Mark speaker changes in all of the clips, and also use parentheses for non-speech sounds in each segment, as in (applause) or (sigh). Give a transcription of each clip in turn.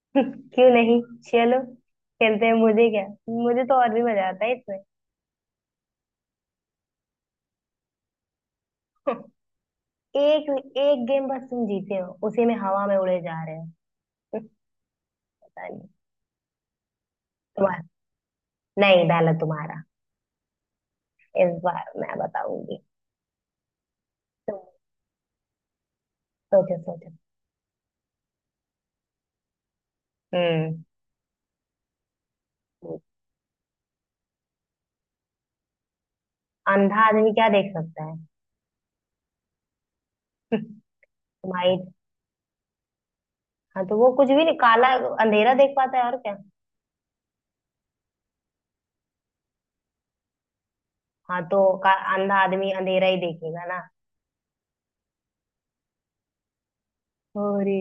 Speaker 1: (laughs) क्यों नहीं। चलो, खेलते हैं। मुझे क्या, मुझे तो और भी मजा आता है इसमें। (laughs) एक एक गेम बस तुम जीते हो, उसी में हवा में उड़े जा रहे हो। (laughs) पता नहीं। तुम्हारा नहीं डाला तुम्हारा। इस बार मैं बताऊंगी। तुम सोचो सोचो। हम्म। अंधा आदमी क्या देख सकता है? (laughs) तुम्हारी। हाँ, तो वो कुछ भी नहीं, काला अंधेरा देख पाता है, और क्या। हाँ, तो अंधा आदमी अंधेरा ही देखेगा ना। अरे!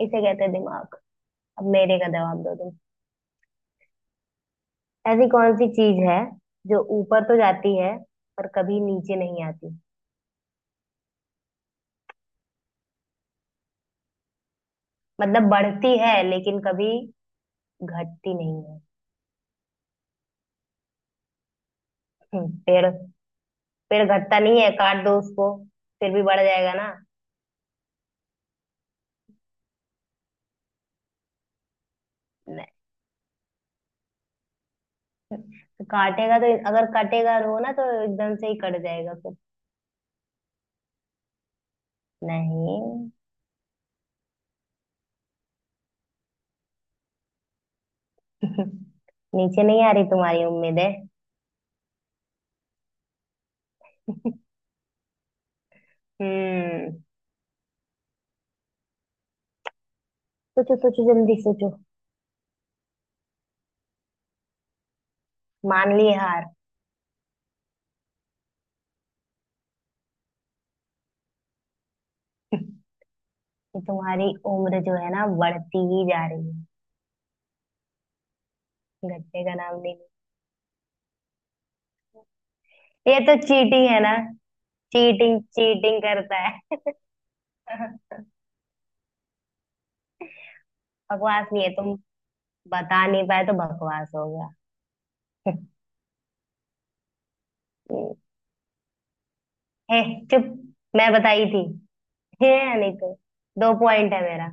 Speaker 1: इसे कहते हैं दिमाग। अब मेरे का जवाब दो। ऐसी कौन सी चीज है जो ऊपर तो जाती है, पर कभी नीचे नहीं आती? मतलब बढ़ती है लेकिन कभी घटती नहीं है। पेड़। पेड़ घटता नहीं है, काट दो उसको फिर भी बढ़ जाएगा ना। नहीं, तो काटेगा तो अगर कटेगा रो ना तो एकदम से ही कट जाएगा फिर। नहीं। (laughs) नीचे नहीं आ रही तुम्हारी उम्मीद है। हम्म सोचो सोचो जल्दी सोचो। मान लिए हार? कि तुम्हारी उम्र जो है ना, बढ़ती ही जा रही है। घटने का नाम नहीं ले। ये तो चीटिंग है ना। चीटिंग चीटिंग करता है। (laughs) बकवास नहीं है। तुम बता नहीं पाए तो बकवास हो गया। (laughs) हे, चुप! मैं बताई थी। (laughs) हे, नहीं तो। दो पॉइंट है मेरा।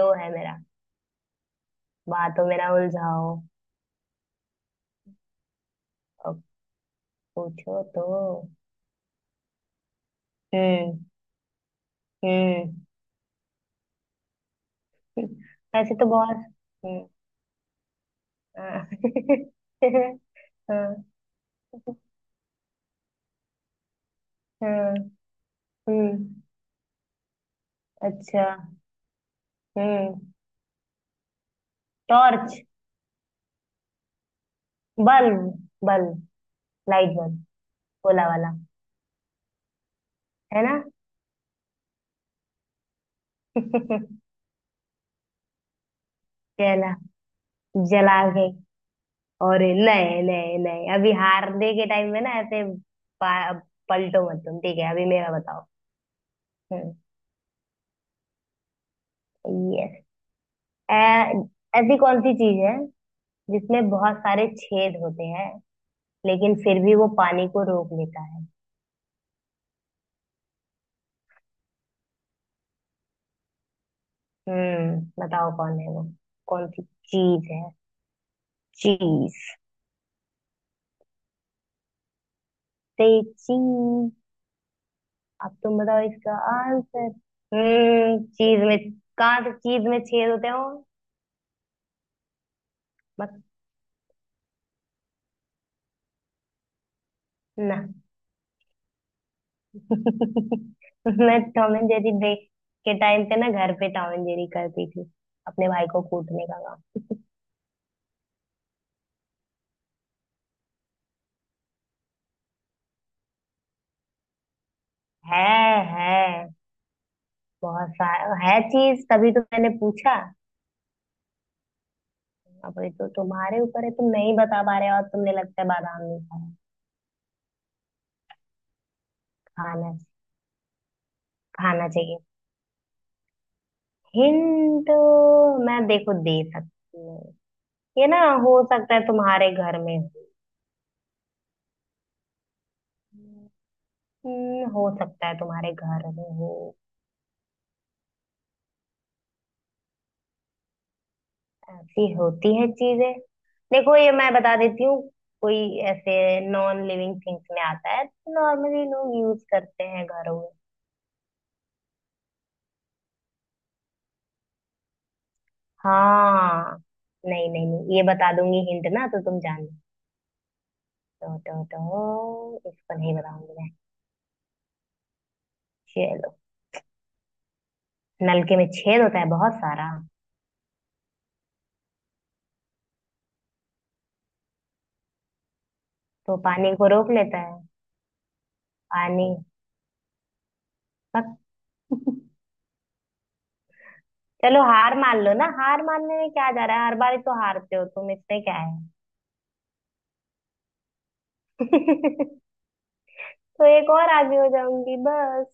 Speaker 1: दो है मेरा। बातों में ना उलझाओ। अब पूछो तो। हम्म, हम्म। (laughs) ऐसे तो बहुत। हम्म। हाँ। (laughs) हाँ, हाँ। हम्म, अच्छा। हम्म, torch. Bulb, bulb. Light bulb. भोला वाला। है ना। (laughs) कहला। जला के। और नए नए नए, अभी हारने के टाइम में ना, ऐसे। पा- पलटो मत तुम, ठीक है? अभी मेरा बताओ। हम्म। यस। ऐसी कौन सी चीज है जिसमें बहुत सारे छेद होते हैं, लेकिन फिर भी वो पानी को रोक लेता है? बताओ, कौन है वो? कौन सी चीज है? चीज, से चीज। अब तुम बताओ इसका आंसर। चीज में? कहाँ से चीज में छेद होते हो? बस। ना। (laughs) मैं टॉम एंड जेरी देख के टाइम पे ना, घर पे टॉम एंड जेरी करती थी, अपने भाई को कूटने का काम। है है। बहुत सारा है चीज, तभी तो मैंने पूछा। अब ये तो तुम्हारे ऊपर है, तुम नहीं बता पा रहे हो। और तुमने लगता है बादाम नहीं खाया। खाना खाना चाहिए। हिंट मैं देखो दे सकती हूँ। ये ना, हो सकता है तुम्हारे घर में हो। हो सकता है तुम्हारे घर में हो। ऐसी होती है चीजें। देखो ये मैं बता देती हूँ। कोई ऐसे नॉन लिविंग थिंग्स में आता है। नॉर्मली लोग यूज करते हैं घरों में। हाँ, नहीं नहीं नहीं, ये बता दूंगी हिंट ना तो तुम जान लो। तो इसको नहीं बताऊंगी मैं। चलो। नलके में छेद होता है बहुत सारा, तो पानी को रोक लेता है। पानी। बस। (laughs) चलो, हार मान लो ना। हार मानने में क्या जा रहा है? हर बार ही तो हारते हो तुम, इसमें क्या है। तो एक और आगे हो जाऊंगी बस।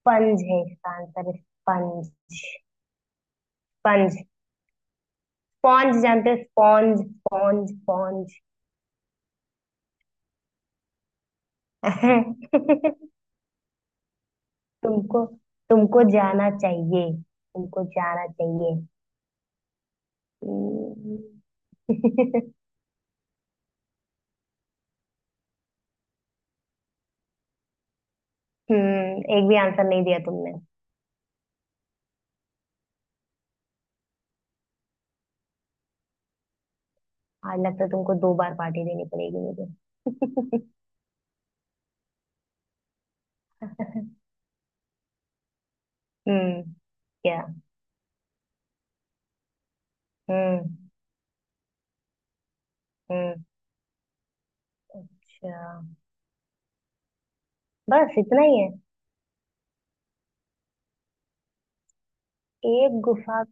Speaker 1: स्पंज है इसका आंसर। स्पंज। स्पंज। स्पॉन्ज जानते हो? Sponge, sponge, sponge. (laughs) तुमको तुमको जाना चाहिए। तुमको जाना चाहिए। हम्म। (laughs) एक भी आंसर नहीं दिया तुमने। आज लगता है तुमको दो बार पार्टी देनी पड़ेगी मुझे। (laughs) हम्म। क्या? हम्म, हम्म। अच्छा, बस इतना ही है? एक गुफा।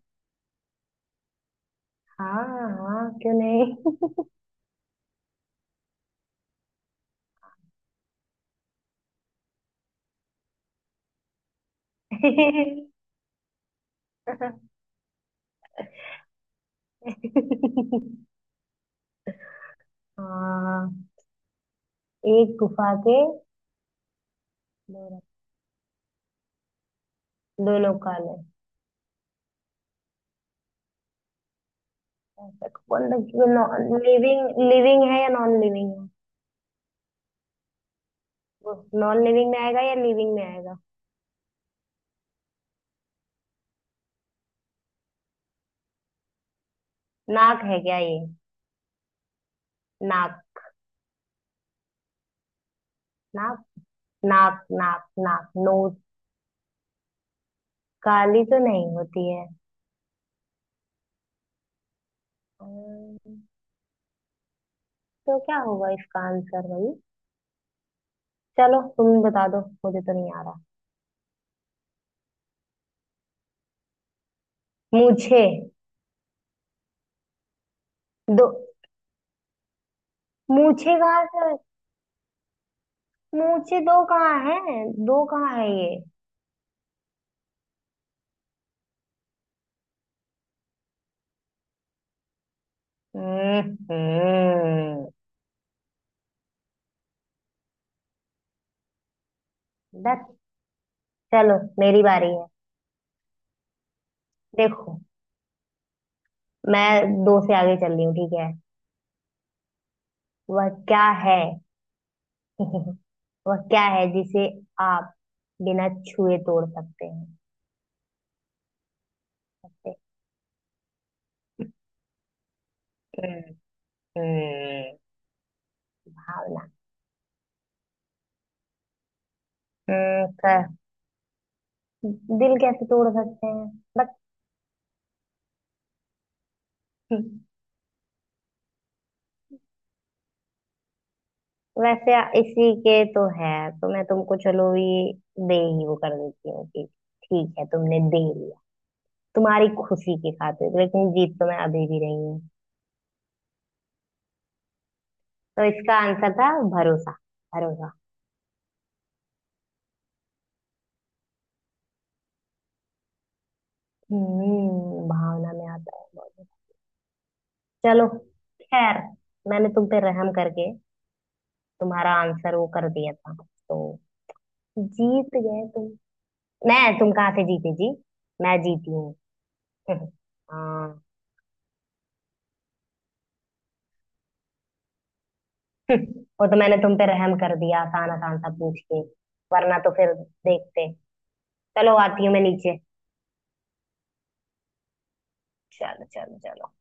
Speaker 1: हाँ। हाँ, क्यों नहीं। (laughs) हाँ। एक गुफा के दो दो लोग काले। ऐसा तो कौन? Non living? लिविंग है या नॉन लिविंग है? वो नॉन लिविंग में आएगा या लिविंग में आएगा? नाक है क्या ये? नाक। नाक, नाक, नाक, नाक नोज। काली तो नहीं होती है। अम्म, तो क्या होगा इसका आंसर भाई? चलो तुम बता दो, मुझे तो नहीं आ रहा। मूछे? दो मूछे कहाँ से? मूछे दो कहाँ है? दो कहाँ है ये? हम्म। हम्म। बस, चलो मेरी बारी है। देखो, मैं दो से आगे चल रही हूँ, ठीक है? वह क्या है? (laughs) वह क्या है जिसे आप बिना छुए तोड़ सकते हैं? हम्म। हम्म। भावना। हम्म, क- दिल कैसे तोड़ सकते हैं? बस। हम्म, वैसे इसी के तो है। तो मैं तुमको चलो, ये दे ही वो कर देती हूँ कि ठीक है, तुमने दे लिया तुम्हारी खुशी की खातिर। लेकिन जीत तो मैं अभी भी रही हूँ। तो इसका आंसर था भरोसा। भरोसा। भावना में आता है बहुत। चलो, खैर मैंने तुम पे रहम करके तुम्हारा आंसर वो कर दिया था, तो जीत गए तुम। मैं, तुम कहाँ से जीते जी? मैं जीती हूँ। (laughs) हाँ। (laughs) वो तो मैंने तुम पे रहम कर दिया, आसान आसान सा पूछ के। वरना तो फिर देखते। चलो, आती हूँ मैं नीचे। चलो, चलो, चलो।